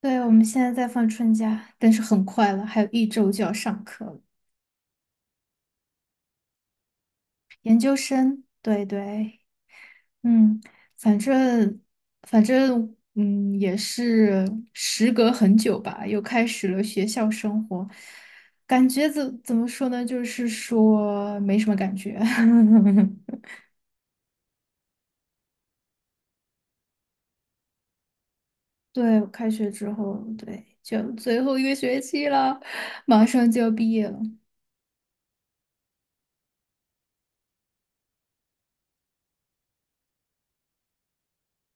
对，我们现在在放春假，但是很快了，还有一周就要上课了。研究生，对对，嗯，反正反正，嗯，也是时隔很久吧，又开始了学校生活，感觉怎么说呢？就是说没什么感觉。对，我开学之后，对，就最后一个学期了，马上就要毕业了。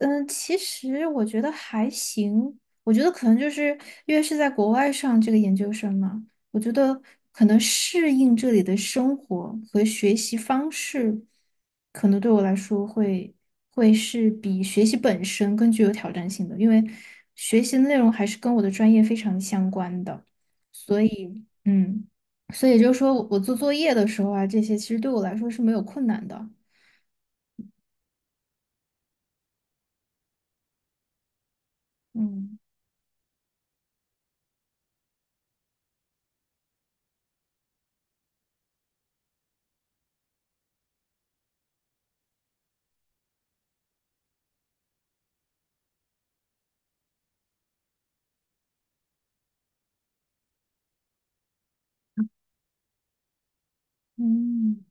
嗯，其实我觉得还行。我觉得可能就是因为是在国外上这个研究生嘛，我觉得可能适应这里的生活和学习方式，可能对我来说会是比学习本身更具有挑战性的，因为学习的内容还是跟我的专业非常相关的，所以嗯，所以也就是说我做作业的时候啊，这些其实对我来说是没有困难的。嗯嗯。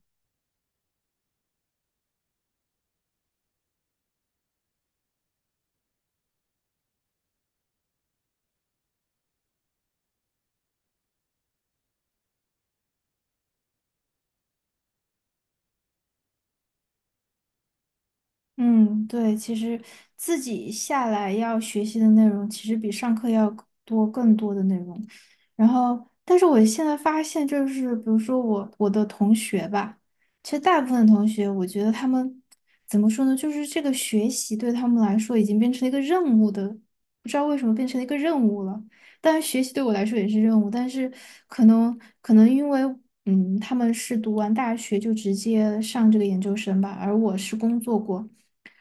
嗯，对，其实自己下来要学习的内容，其实比上课要多更多的内容。然后，但是我现在发现，就是比如说我的同学吧，其实大部分同学，我觉得他们怎么说呢，就是这个学习对他们来说已经变成了一个任务的，不知道为什么变成了一个任务了。但是学习对我来说也是任务，但是可能因为嗯，他们是读完大学就直接上这个研究生吧，而我是工作过。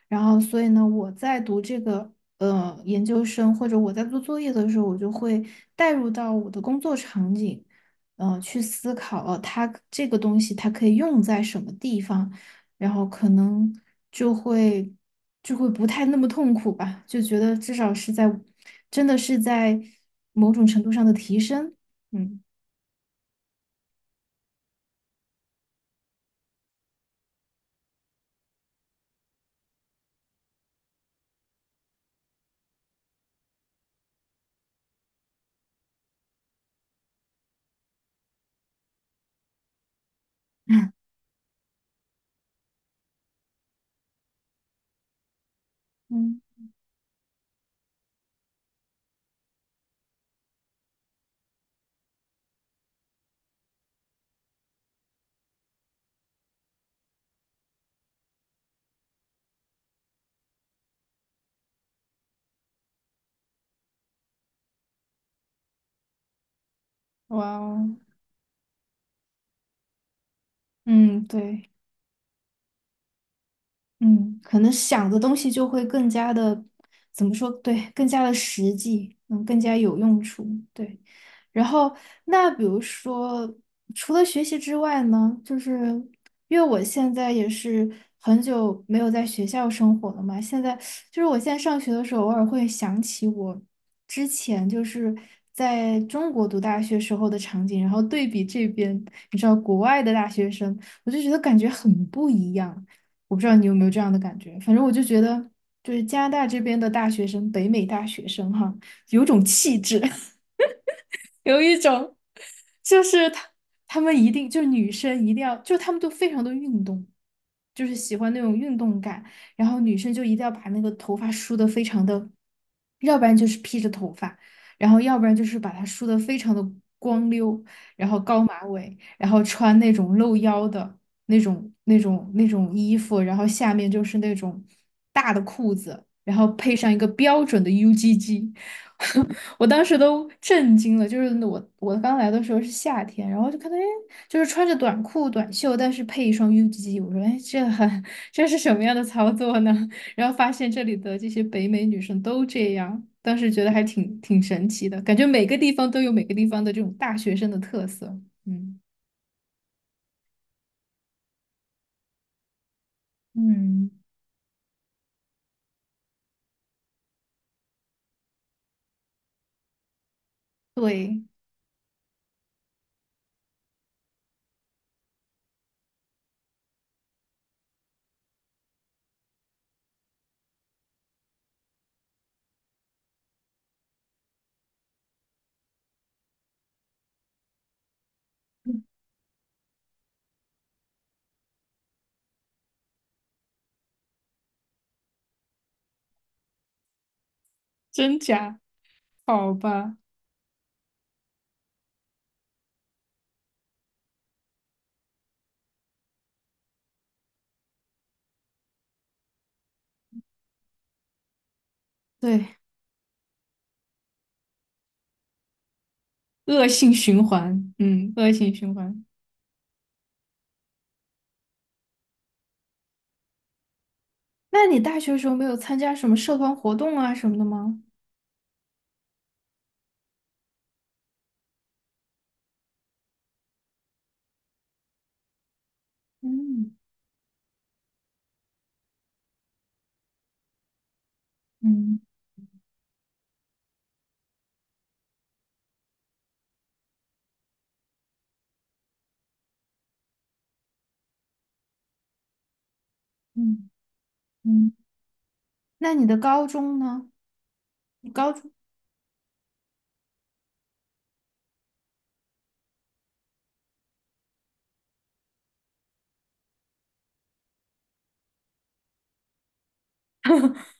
然后，所以呢，我在读这个研究生，或者我在做作业的时候，我就会带入到我的工作场景，去思考，它这个东西它可以用在什么地方，然后可能就会就会不太那么痛苦吧，就觉得至少是在真的是在某种程度上的提升，嗯 嗯，哇哦，嗯，对。嗯，可能想的东西就会更加的，怎么说？对，更加的实际，嗯，更加有用处。对。然后，那比如说，除了学习之外呢，就是因为我现在也是很久没有在学校生活了嘛，现在就是我现在上学的时候，偶尔会想起我之前就是在中国读大学时候的场景，然后对比这边，你知道国外的大学生，我就觉得感觉很不一样。我不知道你有没有这样的感觉，反正我就觉得，就是加拿大这边的大学生，北美大学生哈，有种气质。有一种就是他们一定就是女生一定要，就他们都非常的运动，就是喜欢那种运动感，然后女生就一定要把那个头发梳的非常的，要不然就是披着头发，然后要不然就是把它梳的非常的光溜，然后高马尾，然后穿那种露腰的那种衣服，然后下面就是那种大的裤子，然后配上一个标准的 UGG。我当时都震惊了，就是我刚来的时候是夏天，然后就看到哎，就是穿着短裤短袖，但是配一双 UGG，我说哎，这是什么样的操作呢？然后发现这里的这些北美女生都这样，当时觉得还挺神奇的，感觉每个地方都有每个地方的这种大学生的特色。嗯嗯，对，真假好吧，对，恶性循环，嗯，恶性循环。那你大学的时候没有参加什么社团活动啊什么的吗？嗯嗯嗯嗯，那你的高中呢？你高中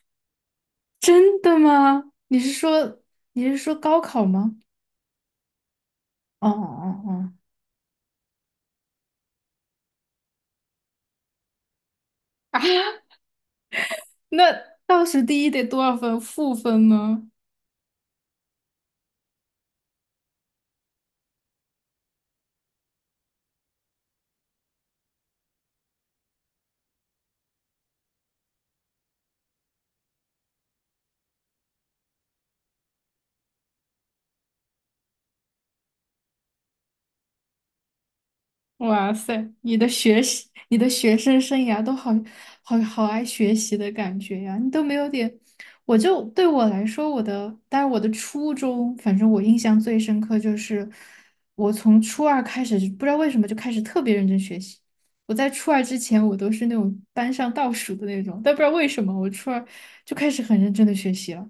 真的吗？你是说高考吗？哦哦哦，啊那倒数第一得多少分？负分吗？哇塞，你的学习，你的学生生涯都好好爱学习的感觉呀，你都没有点，对我来说，但是我的初中，反正我印象最深刻就是，我从初二开始，不知道为什么就开始特别认真学习。我在初二之前，我都是那种班上倒数的那种，但不知道为什么，我初二就开始很认真的学习了。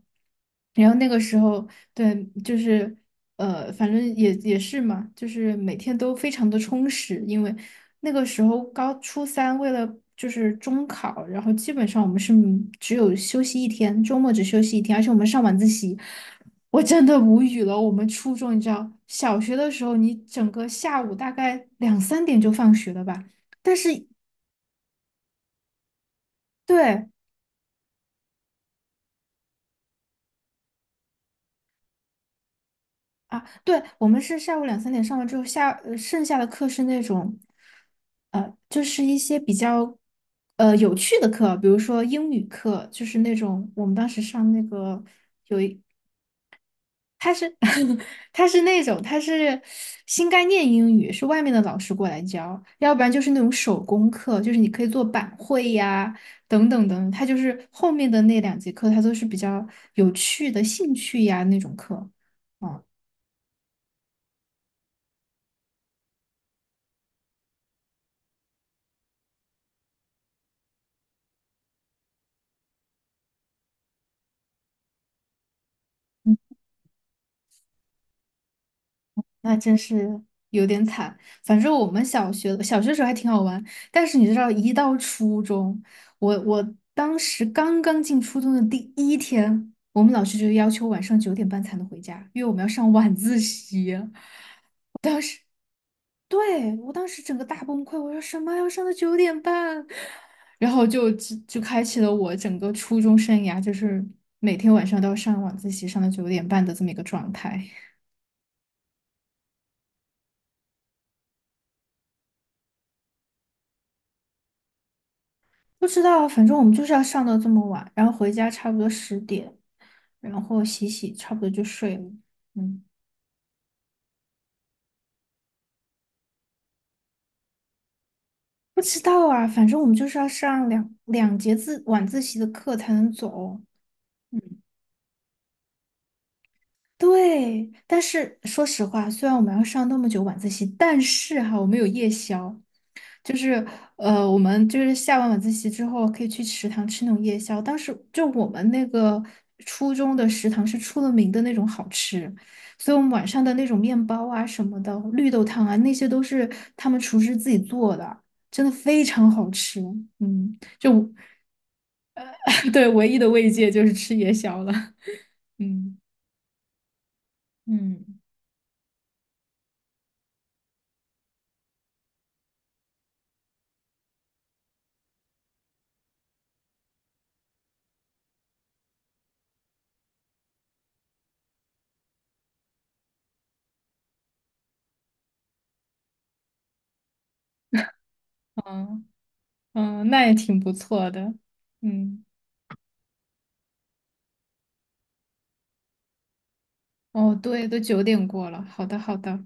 然后那个时候，对，就是反正也是嘛，就是每天都非常的充实，因为那个时候高初三为了就是中考，然后基本上我们是只有休息一天，周末只休息一天，而且我们上晚自习，我真的无语了。我们初中，你知道，小学的时候你整个下午大概两三点就放学了吧，但是。对，啊，对，我们是下午两三点上完之后，下，剩下的课是那种，就是一些比较，有趣的课，比如说英语课，就是那种我们当时上那个，它是 它是新概念英语，是外面的老师过来教，要不然就是那种手工课，就是你可以做板绘呀，等等等，它就是后面的那两节课，它都是比较有趣的兴趣呀那种课。嗯那真是有点惨。反正我们小学时候还挺好玩，但是你知道，一到初中，我当时刚刚进初中的第一天，我们老师就要求晚上九点半才能回家，因为我们要上晚自习。对，我当时整个大崩溃，我说什么要上到九点半，然后就开启了我整个初中生涯，就是每天晚上都要上晚自习，上到九点半的这么一个状态。不知道，反正我们就是要上到这么晚，然后回家差不多十点，然后洗洗，差不多就睡了。嗯，不知道啊，反正我们就是要上两节自晚自习的课才能走哦。嗯。对，但是说实话，虽然我们要上那么久晚自习，但是哈，我们有夜宵，就是我们就是下完晚自习之后可以去食堂吃那种夜宵。当时就我们那个初中的食堂是出了名的那种好吃，所以我们晚上的那种面包啊什么的，绿豆汤啊那些都是他们厨师自己做的，真的非常好吃。嗯，就 对，唯一的慰藉就是吃夜宵了。嗯嗯，嗯。嗯，那也挺不错的。嗯，哦，对，都九点过了。好的，好的。